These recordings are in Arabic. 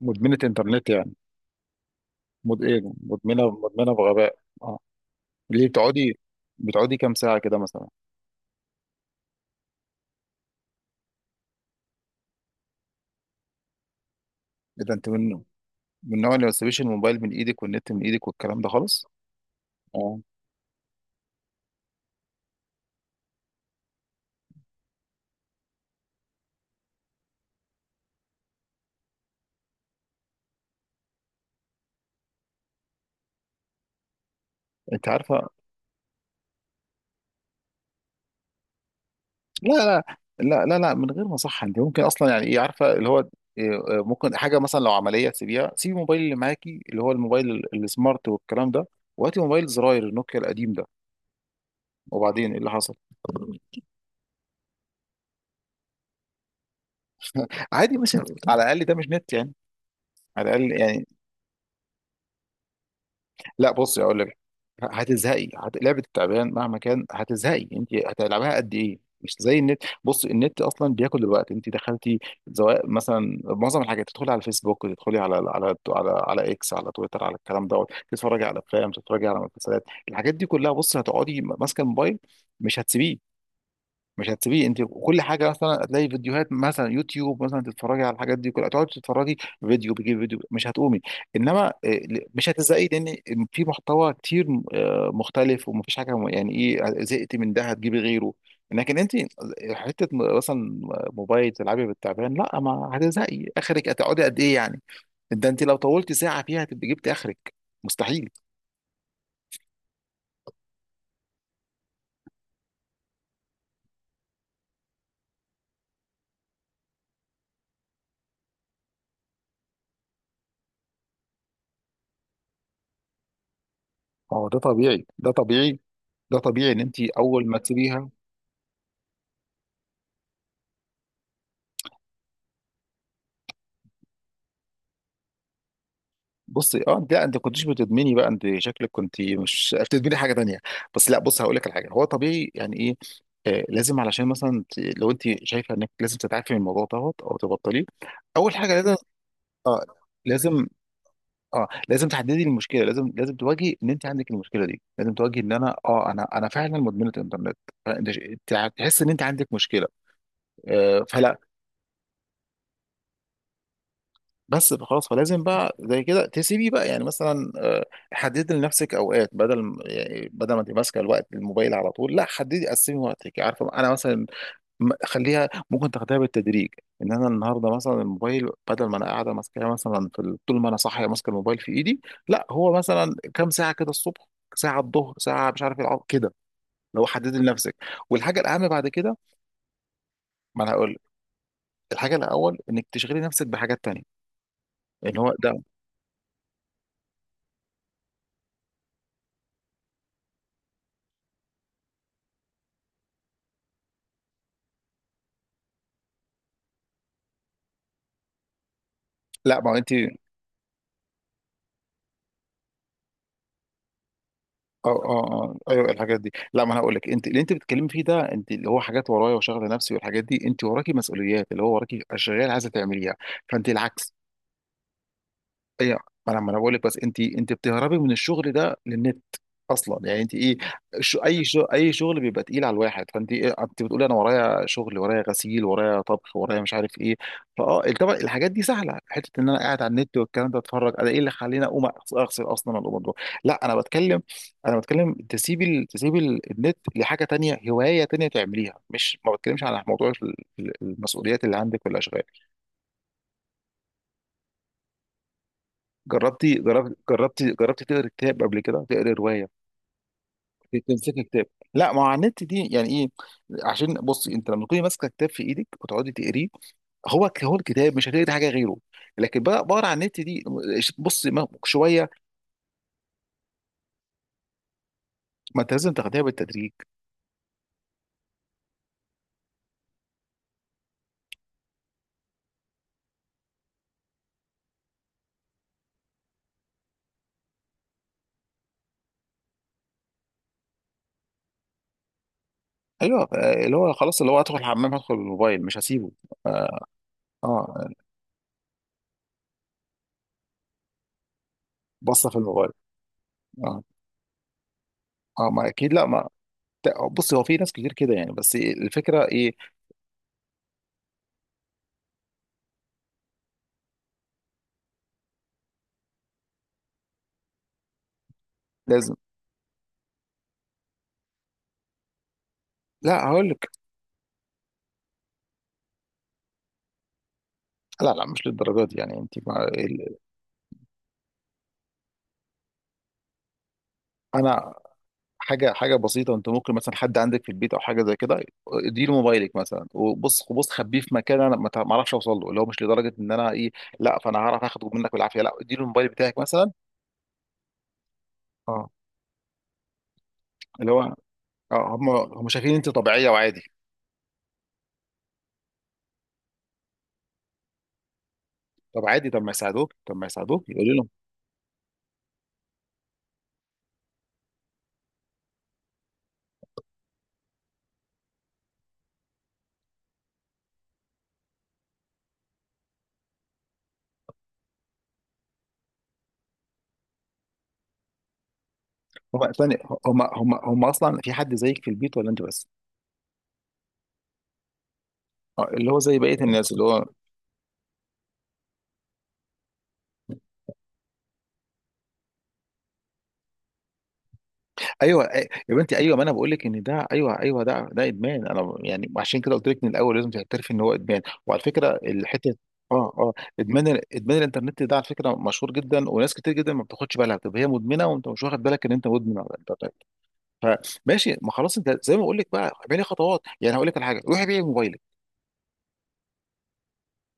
مدمنة انترنت يعني مد... ايه مدمنة بغباء اه، ليه بتقعدي؟ بتقعدي كام ساعة كده مثلا؟ اذا انت من النوع اللي ما تسيبيش الموبايل من ايدك والنت من ايدك والكلام ده خالص. اه، انت عارفة؟ لا لا لا، من غير ما صح؟ انت ممكن اصلا، يعني ايه، عارفة اللي هو إيه، ممكن حاجة مثلا لو عملية تسيبيها، سيبي الموبايل اللي معاكي اللي هو الموبايل السمارت والكلام ده، وهاتي موبايل زراير النوكيا القديم ده. وبعدين ايه اللي حصل؟ عادي ماشي، على الاقل ده مش نت يعني، على الاقل يعني. لا بصي اقول لك، هتزهقي، لعبه التعبان مهما كان هتزهقي، انت هتلعبها قد ايه؟ مش زي النت. بصي النت اصلا بياكل الوقت، انت دخلتي سواء مثلا معظم الحاجات، تدخلي على الفيسبوك، تدخلي على اكس، على تويتر، على الكلام دوت، تتفرجي على افلام، تتفرجي على مسلسلات، الحاجات دي كلها بصي هتقعدي ماسكه الموبايل، مش هتسيبيه. مش هتسيبيه انت. كل حاجه مثلا هتلاقي فيديوهات مثلا يوتيوب مثلا، تتفرجي على الحاجات دي كلها، تقعدي تتفرجي، فيديو بيجيب فيديو، مش هتقومي. انما مش هتزهقي لان في محتوى كتير مختلف، ومفيش حاجه يعني ايه، زهقتي من ده هتجيبي غيره. لكن انت حته مثلا موبايل تلعبي بالتعبان، لا ما هتزهقي، اخرك هتقعدي قد ايه يعني؟ ده انت لو طولتي ساعه فيها هتبقي جبتي اخرك، مستحيل. ما هو ده طبيعي، ده طبيعي. ده طبيعي ان انت اول ما تسيبيها. بصي اه، انت لا، انت كنتش بتدمني بقى، انت شكلك كنت مش بتدمني حاجه تانية. بس لا، بص هقول لك الحاجه، هو طبيعي يعني ايه. آه، لازم علشان مثلا لو انت شايفه انك لازم تتعافي من الموضوع دوت او تبطليه، اول حاجه لازم، اه، لازم، اه، لازم تحددي المشكله، لازم، لازم تواجهي ان انت عندك المشكله دي، لازم تواجهي ان انا اه، انا فعلا مدمنه انترنت. فانت تحس ان انت عندك مشكله. فلا، بس بقى خلاص، فلازم بقى زي كده تسيبي بقى يعني مثلا، حددي لنفسك اوقات، بدل يعني بدل ما تبقى ماسكه الوقت الموبايل على طول، لا، حددي، قسمي وقتك. عارفه انا مثلا خليها ممكن تاخديها بالتدريج، ان انا النهارده مثلا الموبايل بدل ما انا قاعده ماسكاه مثلا في طول ما انا صاحيه ماسكه الموبايل في ايدي، لا، هو مثلا كام ساعه كده الصبح، ساعه الظهر، ساعه مش عارف العصر كده، لو حددي لنفسك. والحاجه الاهم بعد كده، ما انا هقول لك، الحاجه الاول انك تشغلي نفسك بحاجات تانية. ان هو ده. لا ما هو انت، اه اه اه ايوه الحاجات دي. لا ما انا هقول لك، انت اللي انت بتتكلمي فيه ده، انت اللي هو حاجات ورايا وشغل نفسي والحاجات دي، انت وراكي مسؤوليات، اللي هو وراكي اشغال عايزه تعمليها، فانت العكس. ايه، ما انا ما انا بقول لك، بس انت، انت بتهربي من الشغل ده للنت اصلا، يعني انت ايه؟ شو اي شغل بيبقى تقيل على الواحد فانت؟ إيه انت بتقولي انا ورايا شغل، ورايا غسيل، ورايا طبخ، ورايا مش عارف ايه. فاه، طبعا الحاجات دي سهله، حته ان انا قاعد على النت والكلام ده اتفرج، انا ايه اللي خليني اقوم اغسل اصلا، ولا أقوم أطبخ؟ لا انا بتكلم، انا بتكلم تسيبي تسيبي النت لحاجه تانية، هوايه تانية تعمليها، مش ما بتكلمش على موضوع المسؤوليات اللي عندك والاشغال. جربتي تقري كتاب قبل كده، تقري روايه، تمسكي كتاب؟ لا، ما هو على النت دي يعني ايه؟ عشان بصي انت لما تكوني ماسكه كتاب في ايدك وتقعدي تقريه، هو الكتاب مش هتقري حاجه غيره. لكن بقى بقرا على النت دي، بصي شويه. ما انت لازم تاخديها بالتدريج. ايوه، اللي هو خلاص اللي هو ادخل الحمام هدخل بالموبايل مش هسيبه. اه، آه، بصه في الموبايل. اه اه، ما اكيد، لا ما. بصي هو في ناس كتير كده يعني، بس الفكره ايه. لازم. لا هقول لك، لا لا مش للدرجه دي يعني، انت مع انا. حاجه، حاجه بسيطه، انت ممكن مثلا حد عندك في البيت او حاجه زي كده، اديله موبايلك مثلا، وبص بص خبيه في مكان، انا ما اعرفش اوصل له، اللي هو مش لدرجه ان انا ايه، لا فانا هعرف اخده منك بالعافيه، لا اديله الموبايل بتاعك مثلا. اه. اللي هو اه، هم شايفين انت طبيعيه وعادي. طب عادي، طب ما يساعدوك، طب ما يساعدوك، يقولوا لهم. هم ثاني، هم اصلا في حد زيك في البيت ولا انت بس؟ اه، اللي هو زي بقيه الناس، اللي هو ايوه، يا بنتي ايوه، ما انا بقول لك ان ده ايوه، ايوه ده، ده ادمان. انا يعني عشان كده قلت لك من الاول لازم تعترفي ان هو ادمان. وعلى فكره الحته اه اه، ادمان ادمان الانترنت ده على فكره مشهور جدا، وناس كتير جدا ما بتاخدش بالها، بتبقى هي مدمنه وانت مش واخد بالك ان انت مدمن على الانترنت. فماشي، ما خلاص انت زي ما بقول لك بقى اعملي خطوات، يعني هقول لك على حاجه، روحي بيعي موبايلك.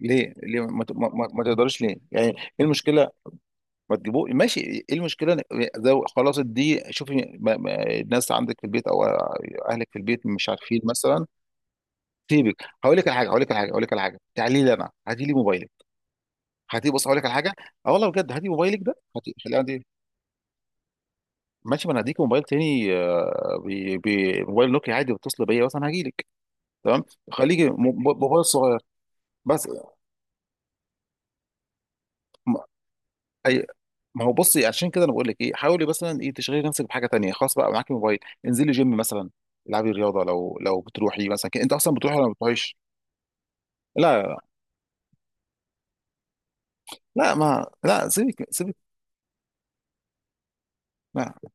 ليه؟ ليه ما ما تقدرش ليه؟ يعني ايه المشكله؟ ما تجيبوه، ماشي، ايه المشكله؟ ده خلاص دي، شوفي ما، ما الناس عندك في البيت او اهلك في البيت مش عارفين مثلا. سيبك، هقول لك على حاجه، تعالي لي انا، هاتي لي موبايلك. هاتي بص، هقول لك على حاجه، اه والله بجد، هاتي موبايلك ده، هاتي خلي عندي. ماشي، ما انا هديك موبايل تاني، موبايل نوكيا عادي، بتصل بيا مثلا هجيلك. تمام. خليكي موبايل صغير بس. اي، ما هو بصي عشان كده انا بقول لك ايه، حاولي مثلا ايه تشغلي نفسك بحاجه تانية. خلاص بقى معاكي موبايل، انزلي جيم مثلا، العبي رياضه، لو بتروحي مثلا، انت اصلا بتروحي ولا ما بتروحيش؟ لا لا لا، سيبك، سيبك. لا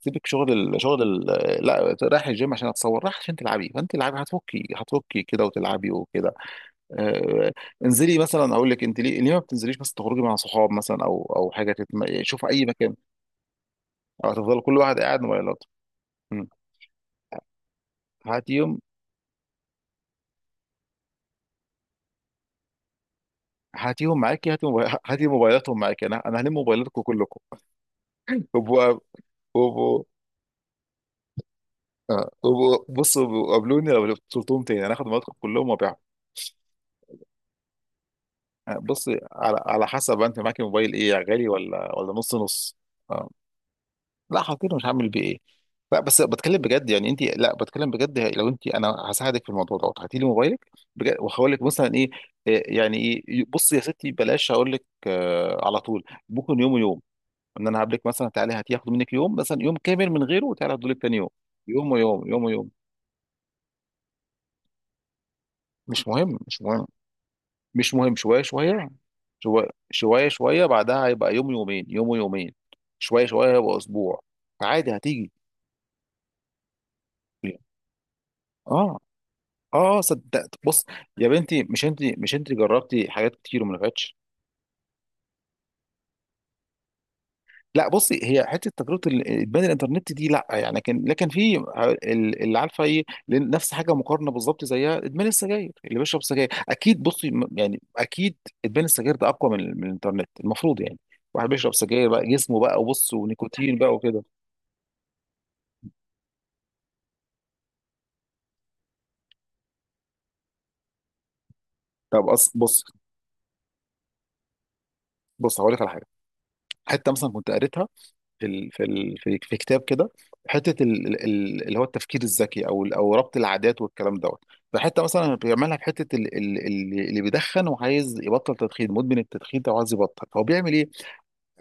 سيبك، شغل ال... شغل ال... لا رايح الجيم عشان اتصور، رايح عشان تلعبي، فانت العبي، هتفكي، هتفكي كده وتلعبي وكده. آه... انزلي مثلا اقول لك انت، ليه ليه ما بتنزليش مثلا تخرجي مع صحاب مثلا، او او حاجه تتم... شوف اي مكان. او هتفضل كل واحد قاعد موبايلات. مم. هاتي يوم، هاتيهم معاكي، هاتي موبايل، هاتي موبايلاتهم معاكي، انا هلم موبايلاتكم كلكم وابقوا. وابقوا، وابقوا- بصوا قابلوني لو بتلتهم تاني انا هاخد موبايلاتكم كلهم وابيعهم. بصي، على على حسب، انت معاكي موبايل ايه؟ غالي ولا ولا نص نص؟ آه، لا حاطينه مش هعمل بيه ايه. لا بس بتكلم بجد يعني انت، لا بتكلم بجد، لو انت انا هساعدك في الموضوع دوت، هاتي لي موبايلك بجد، وهقول لك مثلا ايه. إيه يعني ايه، بصي يا ستي بلاش هقول لك على طول، ممكن يوم ويوم، ان انا هقابلك مثلا تعالي هتاخده منك يوم، مثلا يوم كامل من غيره، وتعالي هديه لك تاني يوم. يوم ويوم، يوم ويوم. مش مهم، مش مهم. مش مهم، شويه شويه، شويه بعدها هيبقى يوم يومين، يوم ويومين، شويه شويه هيبقى اسبوع، فعادي هتيجي. اه، اه صدقت بص. يا بنتي مش انت، مش انت جربتي حاجات كتير وما نفعتش؟ لا بصي هي حته تجربه البنى الانترنت دي لا يعني، لكن في اللي عارفه ايه، لأن نفس حاجه مقارنه بالظبط زيها ادمان السجاير، اللي بيشرب سجاير اكيد بصي يعني اكيد ادمان السجاير ده اقوى من الانترنت المفروض يعني. واحد بيشرب سجاير بقى جسمه بقى وبص ونيكوتين بقى وكده. طب بص، بص هقول لك على حاجه، حته مثلا كنت قريتها في ال في ال في في كتاب كده، حته اللي هو التفكير الذكي، او او ربط العادات والكلام دوت، فحته مثلا بيعملها في حته اللي بيدخن وعايز يبطل تدخين، مدمن التدخين ده وعايز يبطل، هو بيعمل ايه؟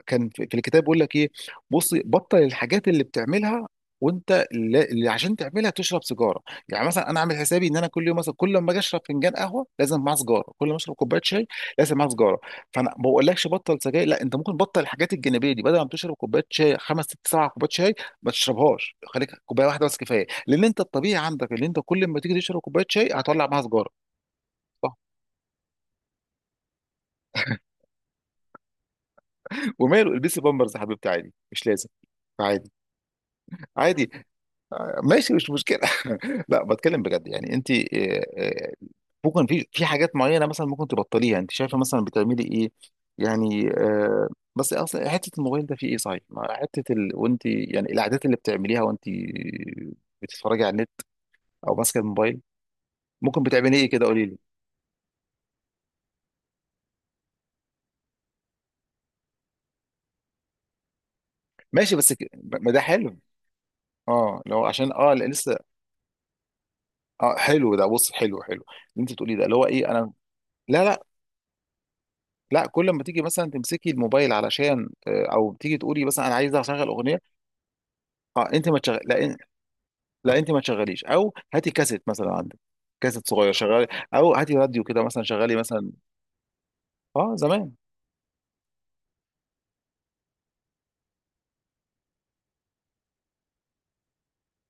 كان في في الكتاب بيقول لك ايه، بصي بطل الحاجات اللي بتعملها وانت اللي عشان تعملها تشرب سيجاره. يعني مثلا انا عامل حسابي ان انا كل يوم مثلا، كل ما اجي اشرب فنجان قهوه لازم معاه سيجاره، كل ما اشرب كوبايه شاي لازم معاه سيجاره. فانا ما بقولكش بطل سجاير، لا، انت ممكن بطل الحاجات الجانبيه دي، بدل ما تشرب كوبايه شاي خمس ست سبع كوبايات شاي، ما تشربهاش، خليك كوبايه واحده بس كفايه، لان انت الطبيعي عندك ان انت كل ما تيجي تشرب كوبايه شاي هتولع معاها سيجاره. صح، وماله البسي بامبرز يا حبيبتي، عادي مش لازم. عادي. عادي، ماشي، مش مشكله. لا بتكلم بجد يعني انت، آه، ممكن في في حاجات معينه مثلا ممكن تبطليها، انت شايفه مثلا بتعملي ايه؟ يعني بس اصلا حته الموبايل ده فيه ايه صحيح، ما حته ال... وانت يعني، العادات اللي بتعمليها وانت بتتفرجي على النت او ماسكه الموبايل، ممكن بتعملي ايه كده، قولي لي. ماشي، بس ما ده حلو. اه لو عشان اه، لا، لسه. اه حلو ده، بص حلو حلو، اللي انت بتقوليه ده اللي هو ايه انا. لا لا لا، كل ما تيجي مثلا تمسكي الموبايل علشان او تيجي تقولي مثلا انا عايزه اشغل اغنيه. اه، انت ما تشغل، لا لا انت ما تشغليش، او هاتي كاسيت مثلا عندك، كاسيت صغير شغلي، او هاتي راديو كده مثلا شغلي مثلا. اه زمان.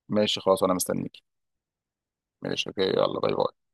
ماشي خلاص انا مستنيكي. ماشي اوكي، يلا باي باي.